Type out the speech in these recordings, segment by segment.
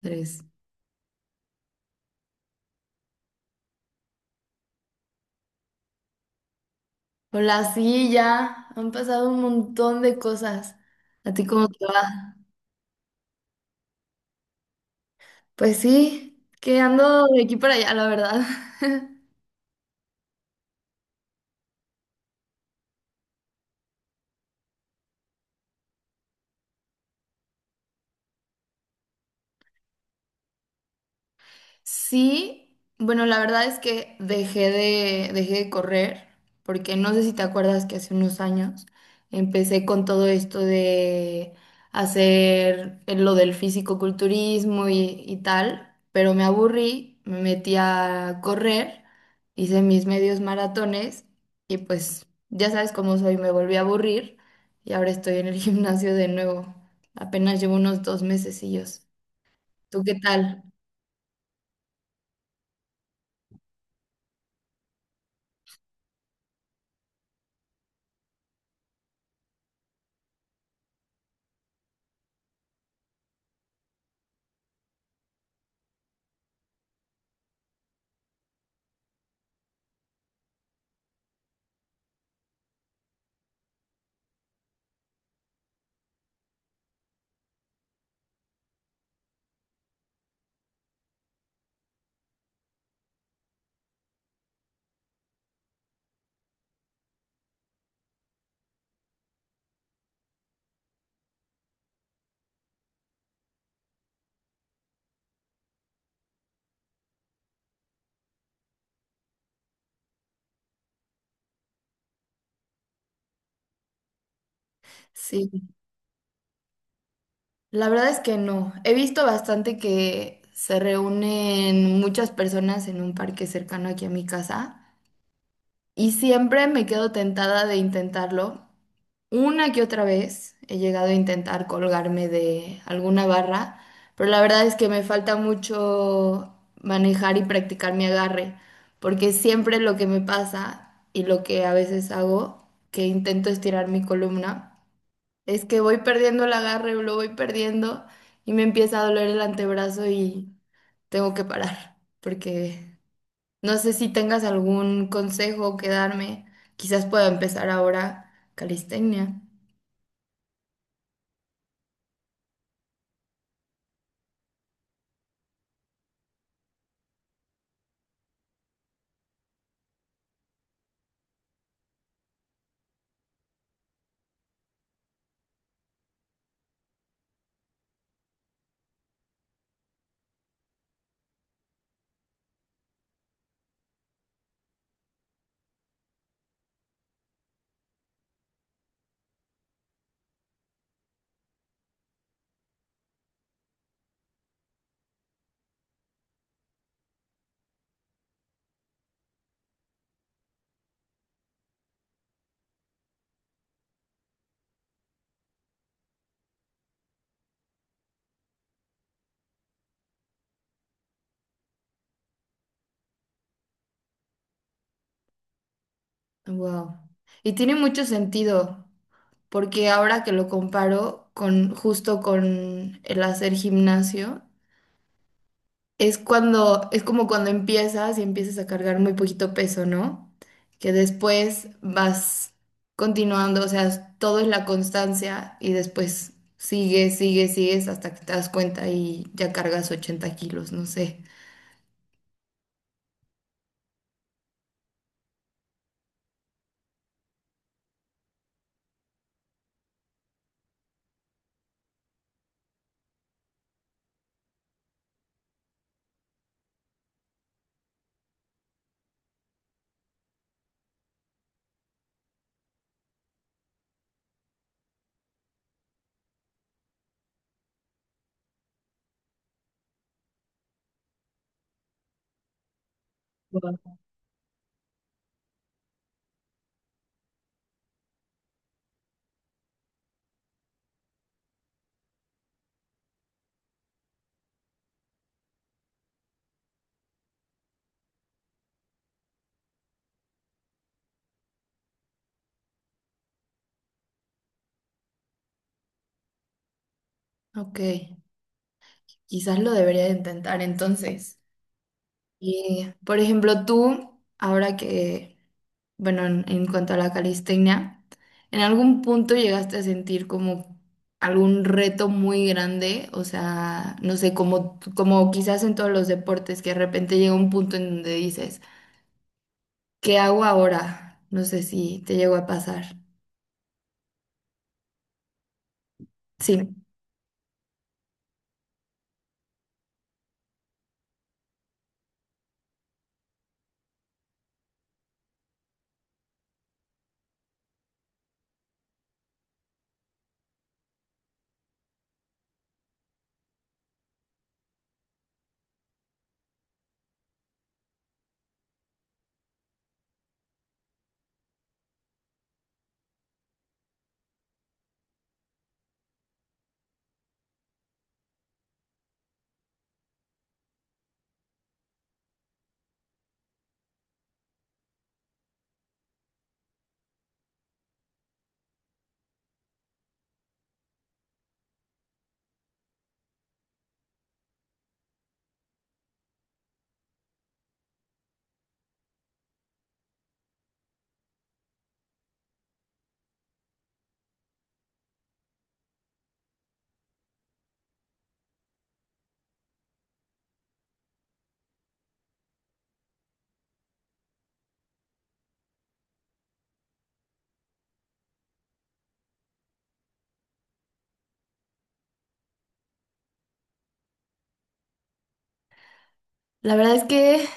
Tres. Hola, sí, ya han pasado un montón de cosas. ¿A ti cómo te va? Pues sí, que ando de aquí para allá, la verdad. Sí, bueno, la verdad es que dejé de correr, porque no sé si te acuerdas que hace unos años empecé con todo esto de hacer lo del fisicoculturismo y tal, pero me aburrí, me metí a correr, hice mis medios maratones y pues ya sabes cómo soy, me volví a aburrir y ahora estoy en el gimnasio de nuevo. Apenas llevo unos 2 mesecillos. ¿Tú qué tal? Sí. La verdad es que no. He visto bastante que se reúnen muchas personas en un parque cercano aquí a mi casa y siempre me quedo tentada de intentarlo. Una que otra vez he llegado a intentar colgarme de alguna barra, pero la verdad es que me falta mucho manejar y practicar mi agarre, porque siempre lo que me pasa y lo que a veces hago, que intento estirar mi columna. Es que voy perdiendo el agarre, lo voy perdiendo y me empieza a doler el antebrazo y tengo que parar, porque no sé si tengas algún consejo que darme. Quizás pueda empezar ahora calistenia. Wow. Y tiene mucho sentido, porque ahora que lo comparo con justo con el hacer gimnasio, es como cuando empiezas y empiezas a cargar muy poquito peso, ¿no? Que después vas continuando, o sea, todo es la constancia y después sigues, sigues, sigues hasta que te das cuenta y ya cargas 80 kilos, no sé. Wow. Ok, quizás lo debería de intentar entonces. Y, por ejemplo, tú, ahora que bueno, en cuanto a la calistenia, ¿en algún punto llegaste a sentir como algún reto muy grande? O sea, no sé, como quizás en todos los deportes, que de repente llega un punto en donde dices, ¿qué hago ahora? No sé si te llegó a pasar. Sí, la verdad es que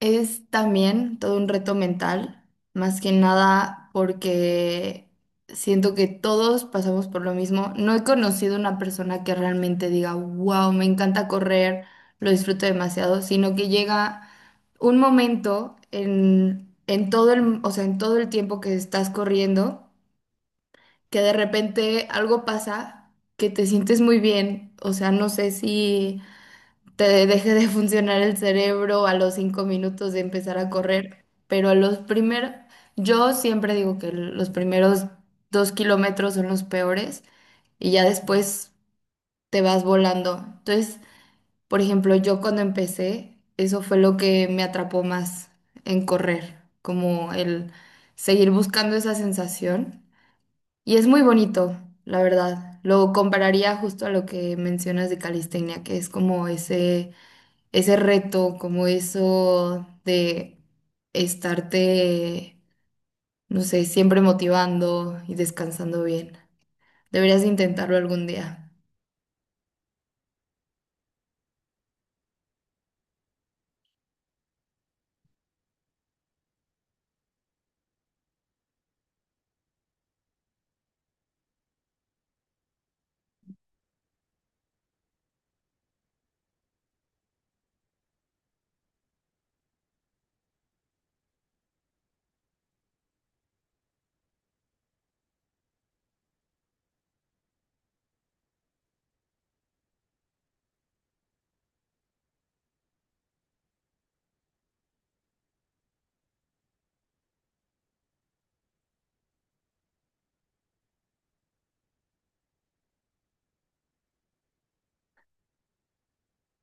es también todo un reto mental, más que nada porque siento que todos pasamos por lo mismo. No he conocido una persona que realmente diga, wow, me encanta correr, lo disfruto demasiado, sino que llega un momento o sea, en todo el tiempo que estás corriendo, que de repente algo pasa, que te sientes muy bien, o sea, no sé si te deje de funcionar el cerebro a los 5 minutos de empezar a correr, pero a los primeros, yo siempre digo que los primeros 2 kilómetros son los peores y ya después te vas volando. Entonces, por ejemplo, yo cuando empecé, eso fue lo que me atrapó más en correr, como el seguir buscando esa sensación. Y es muy bonito, la verdad. Lo compararía justo a lo que mencionas de calistenia, que es como ese ese reto, como eso de estarte, no sé, siempre motivando y descansando bien. Deberías de intentarlo algún día.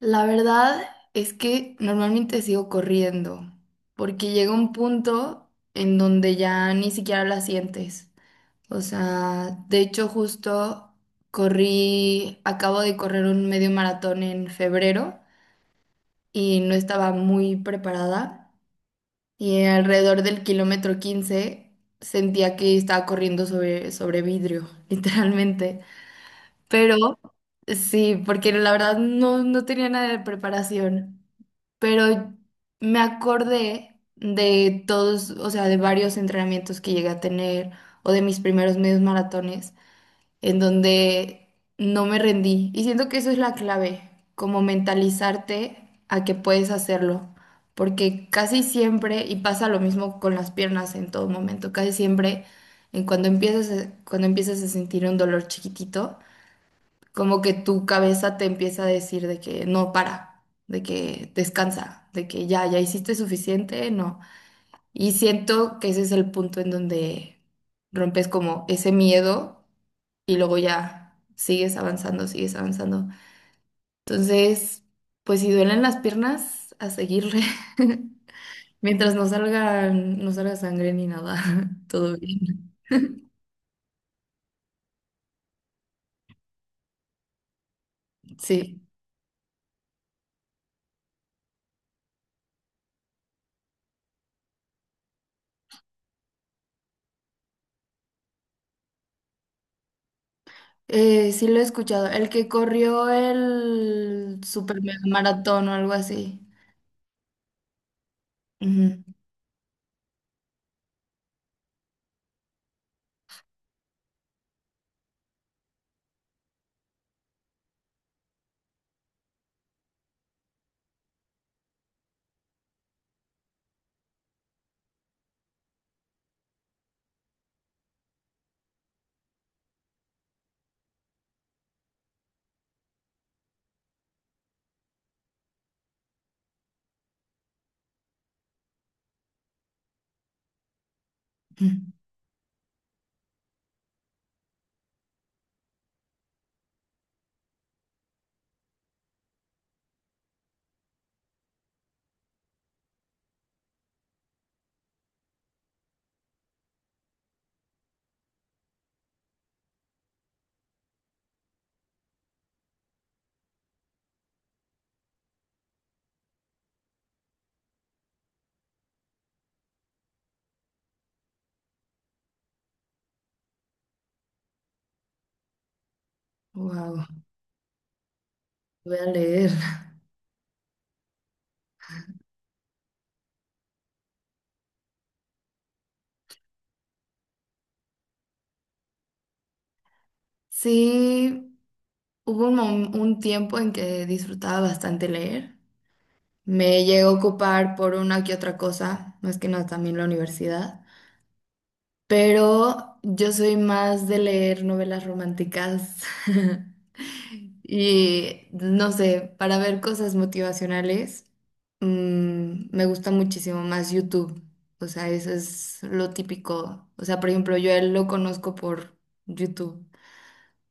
La verdad es que normalmente sigo corriendo, porque llega un punto en donde ya ni siquiera la sientes. O sea, de hecho justo corrí, acabo de correr un medio maratón en febrero y no estaba muy preparada. Y alrededor del kilómetro 15 sentía que estaba corriendo sobre vidrio, literalmente. Pero sí, porque la verdad no, no tenía nada de preparación, pero me acordé de todos, o sea, de varios entrenamientos que llegué a tener o de mis primeros medios maratones en donde no me rendí. Y siento que eso es la clave, como mentalizarte a que puedes hacerlo, porque casi siempre, y pasa lo mismo con las piernas en todo momento, casi siempre en cuando empiezas, cuando empiezas a sentir un dolor chiquitito, como que tu cabeza te empieza a decir de que no para, de que descansa, de que ya, ya hiciste suficiente, no. Y siento que ese es el punto en donde rompes como ese miedo y luego ya sigues avanzando, sigues avanzando. Entonces, pues si duelen las piernas, a seguirle. Mientras no salgan, no salga sangre ni nada, todo bien. Sí. Sí lo he escuchado. El que corrió el super mega maratón o algo así. Wow, voy a leer. Sí, hubo un tiempo en que disfrutaba bastante leer. Me llego a ocupar por una que otra cosa, más que nada también la universidad, pero yo soy más de leer novelas románticas y no sé, para ver cosas motivacionales, mm, me gusta muchísimo más YouTube, o sea, eso es lo típico, o sea, por ejemplo, yo a él lo conozco por YouTube,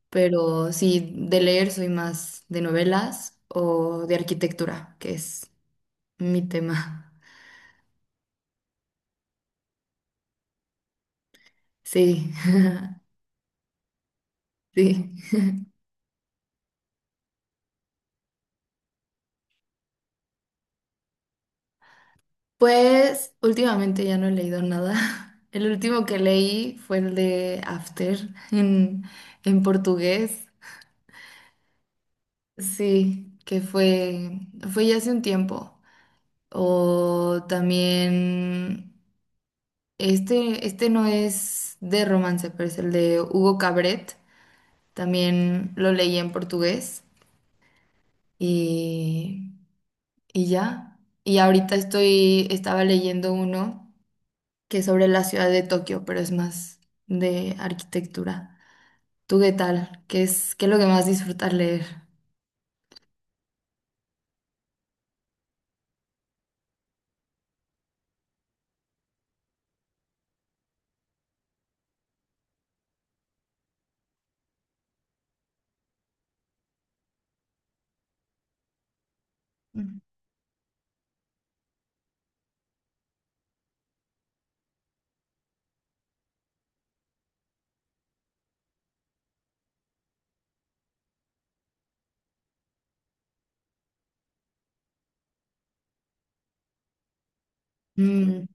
pero sí, de leer soy más de novelas o de arquitectura, que es mi tema. Sí, sí. Pues últimamente ya no he leído nada. El último que leí fue el de After en, en portugués. Sí, fue ya hace un tiempo. O también, este no es de romance, pero es el de Hugo Cabret. También lo leí en portugués y, y ya. Y ahorita estoy, estaba leyendo uno. Que sobre la ciudad de Tokio, pero es más de arquitectura. ¿Tú qué tal? ¿Qué es lo que más disfrutas leer? Mm. Mm,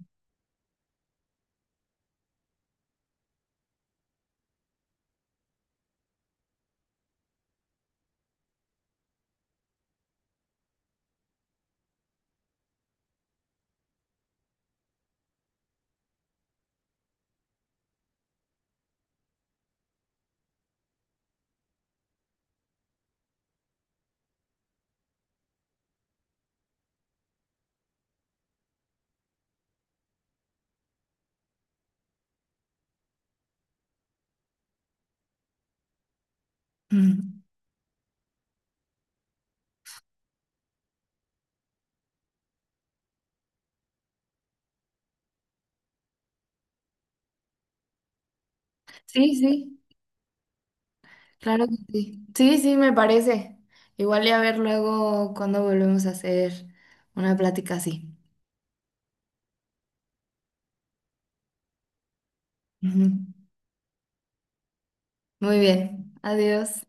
mm. Sí, sí, claro que sí. Sí, sí, me parece. Igual y a ver luego cuando volvemos a hacer una plática así. Ujú. Muy bien, adiós.